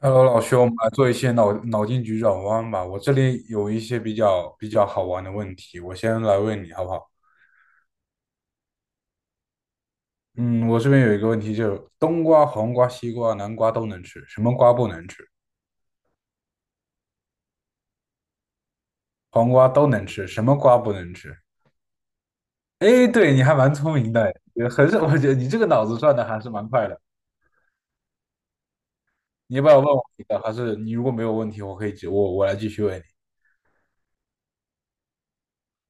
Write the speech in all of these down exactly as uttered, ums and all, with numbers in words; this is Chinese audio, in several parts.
Hello，老兄，我们来做一些脑脑筋急转弯吧。我这里有一些比较比较好玩的问题，我先来问你好不好？嗯，我这边有一个问题，就是冬瓜、黄瓜、西瓜、南瓜都能吃，什么瓜不能吃？黄瓜都能吃，什么瓜不能吃？哎，对，你还蛮聪明的，也很少，我觉得你这个脑子转的还是蛮快的。你要不要问我一个？还是你如果没有问题，我可以继我我来继续问你。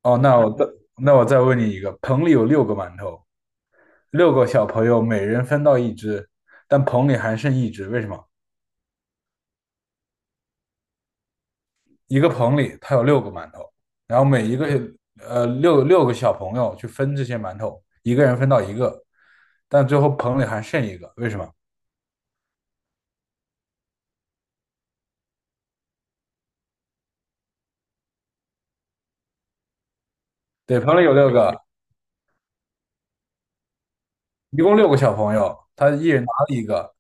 哦，那我再那我再问你一个，棚里有六个馒头，六个小朋友每人分到一只，但棚里还剩一只。为什么？一个棚里它有六个馒头，然后每一个呃六六个小朋友去分这些馒头，一个人分到一个，但最后棚里还剩一个。为什么？对，棚里有六个，一共六个小朋友，他一人拿了一个，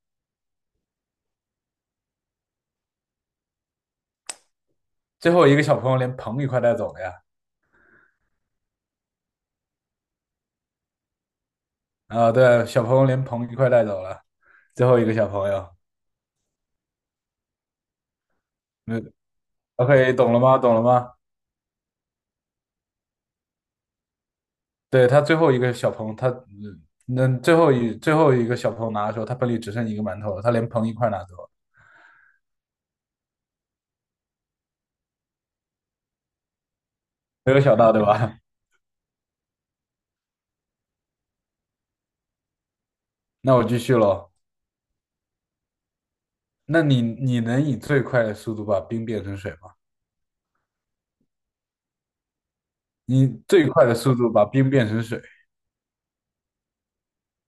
最后一个小朋友连棚一块带走了呀。啊，对，小朋友连棚一块带走了，最后一个小朋友，嗯，OK，懂了吗？懂了吗？对，他最后一个小朋友，他嗯那最后一最后一个小朋友拿的时候，他本里只剩一个馒头了他连盆一块拿走了，没有想到对吧？那我继续喽。那你你能以最快的速度把冰变成水吗？你最快的速度把冰变成水，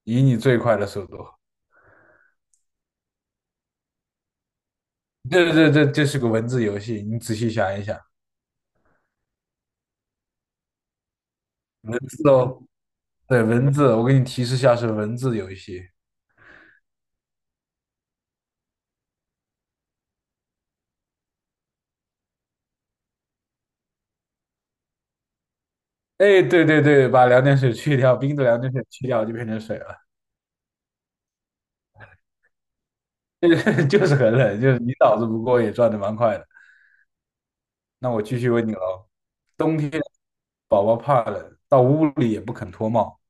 以你最快的速度。对对这这是个文字游戏，你仔细想一想，文字哦，对，文字，我给你提示一下是文字游戏。哎，对对对，把两点水去掉，冰的两点水去掉就变成水了。就是就是很冷，就是你脑子不过也转的蛮快的。那我继续问你喽，冬天宝宝怕冷，到屋里也不肯脱帽，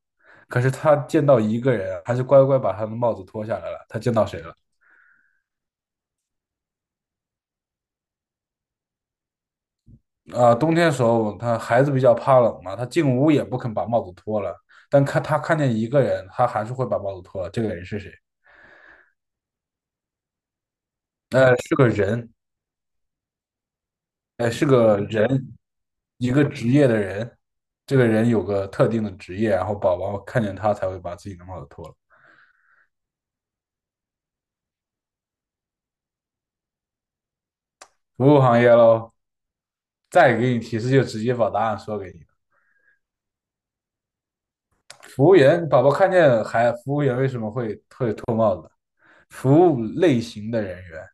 可是他见到一个人啊，还是乖乖把他的帽子脱下来了。他见到谁了？啊、冬天的时候，他孩子比较怕冷嘛，他进屋也不肯把帽子脱了。但看他看见一个人，他还是会把帽子脱了。这个人是谁？呃，是个人，哎，是个人，一个职业的人，这个人有个特定的职业，然后宝宝看见他才会把自己的帽子脱了。服务行业喽，再给你提示就直接把答案说给你了。服务员，宝宝看见还服务员为什么会服务类型的人员，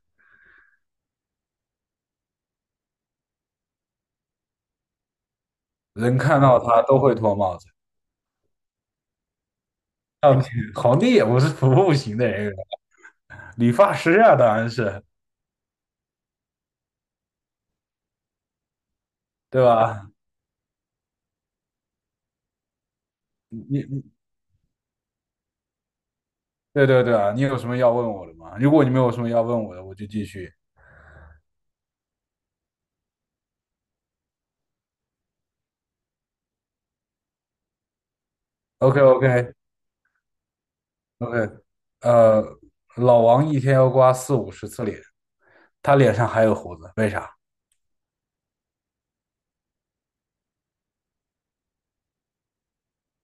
人看到他都会脱帽子。上帝，皇帝也不是服务型的人员，理发师啊，当然是，对吧？你对对对啊，你有什么要问我的吗？如果你没有什么要问我的，我就继续。OK OK。OK，呃，老王一天要刮四五十次脸，他脸上还有胡子，为啥？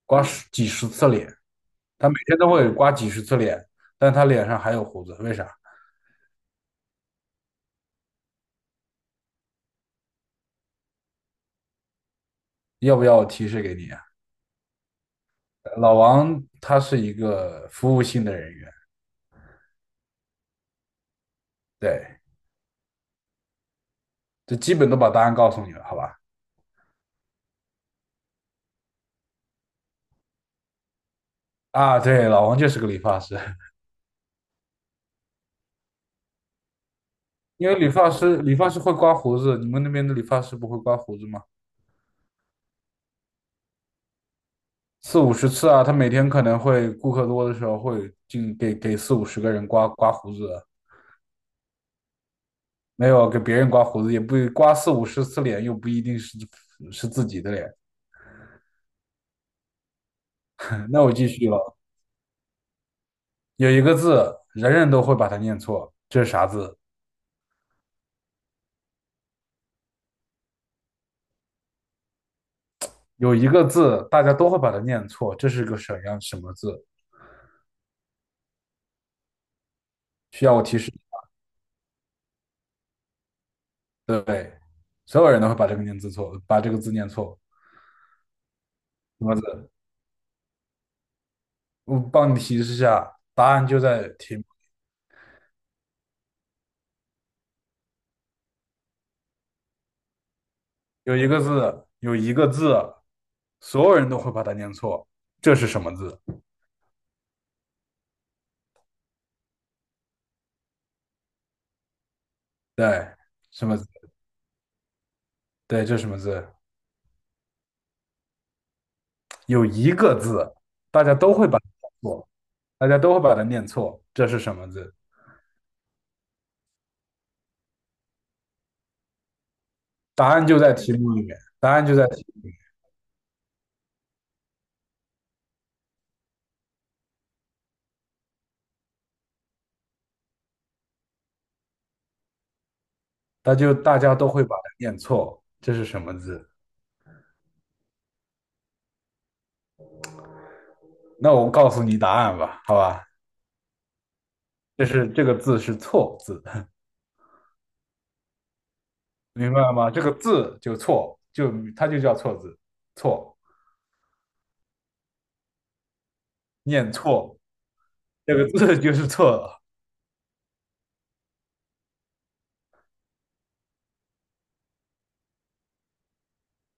刮十几十次脸，他每天都会刮几十次脸，但他脸上还有胡子，为啥？要不要我提示给你啊？老王他是一个服务性的人员，对，这基本都把答案告诉你了，好吧？啊，对，老王就是个理发师，因为理发师理发师会刮胡子，你们那边的理发师不会刮胡子吗？四五十次啊，他每天可能会顾客多的时候会进给给四五十个人刮刮胡子，没有给别人刮胡子，也不刮四五十次脸，又不一定是是自己的脸。那我继续了，有一个字人人都会把它念错，这是啥字？有一个字大家都会把它念错，这是个什么样什么字？需要我提示？对，所有人都会把这个念字错，把这个字念错。什么字？我帮你提示一下，答案就在题。有一个字，有一个字，所有人都会把它念错。这是什么字？对，什么字？对，这是什么字？有一个字，大家都会把它念错，大家都会把它念错。这是什么字？答案就在题目里面，答案就在题目里面，大就大家都会把它念错。这是什么字？那我告诉你答案吧，好吧？这是这个字是错字，明白了吗？这个字就错，就它就叫错字，错，念错，这个字就是错。了。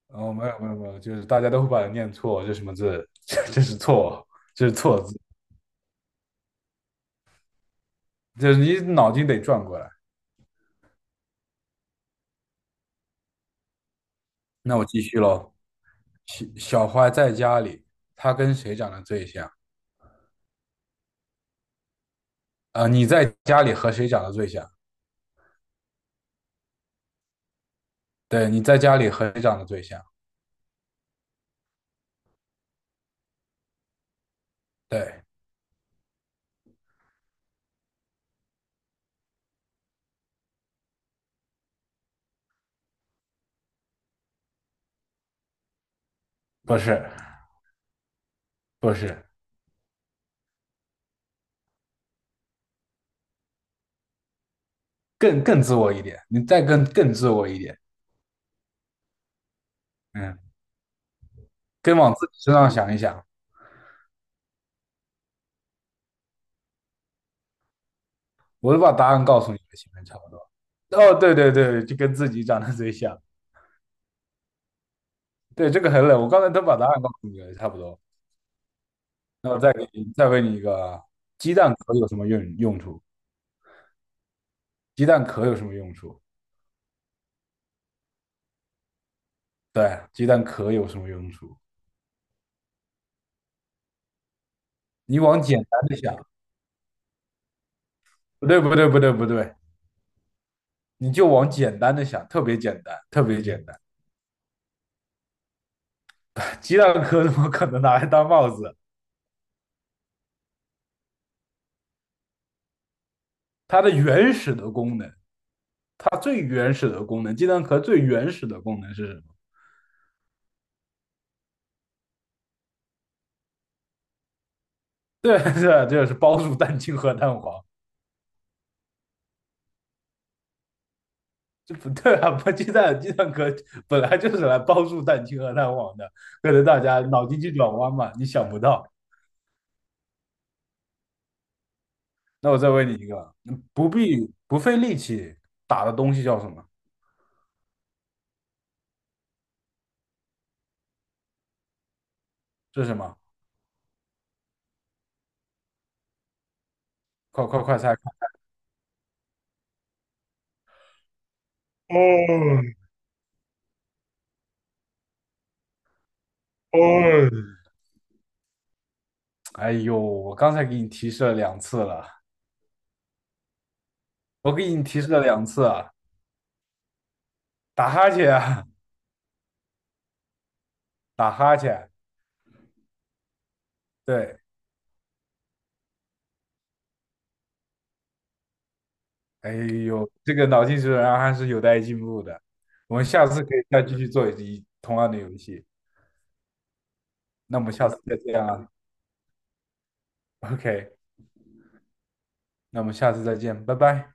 哦，没有没有没有，就是大家都会把它念错，这什么字？这是错，这是错字，就是你脑筋得转过来。那我继续喽。小小花在家里，她跟谁长得最像？啊、你在家里和谁长得最像？对，你在家里和谁长得最像？对，不是不是，更更自我一点，你再更更自我一点，嗯，更往自己身上想一想。我都把答案告诉你了，行面差不多。哦，对对对，就跟自己长得最像。对，这个很冷，我刚才都把答案告诉你了，差不多。那我再给你，再问你一个啊，鸡蛋壳有什么用用处？鸡蛋壳有什么用处？对啊，鸡蛋壳有什么用处？你往简单的想，不对，不对，不对，不对，你就往简单的想，特别简单，特别简单。鸡蛋壳怎么可能拿来当帽子？它的原始的功能，它最原始的功能，鸡蛋壳最原始的功能是什么？对，对，就是包住蛋清和蛋黄。这不对啊！不，鸡蛋鸡蛋壳本来就是来帮助蛋清和蛋黄的，可能大家脑筋急转弯嘛，你想不到。那我再问你一个，嗯不必不费力气打的东西叫什么？是什么？快快快猜！哦哦，哎呦，我刚才给你提示了两次了，我给你提示了两次啊！打哈欠啊，打哈欠。对，哎呦，这个脑筋急转弯还是有待进步的。我们下次可以再继续做一同样的游戏。那我们下次再见啊。OK，那我们下次再见，拜拜。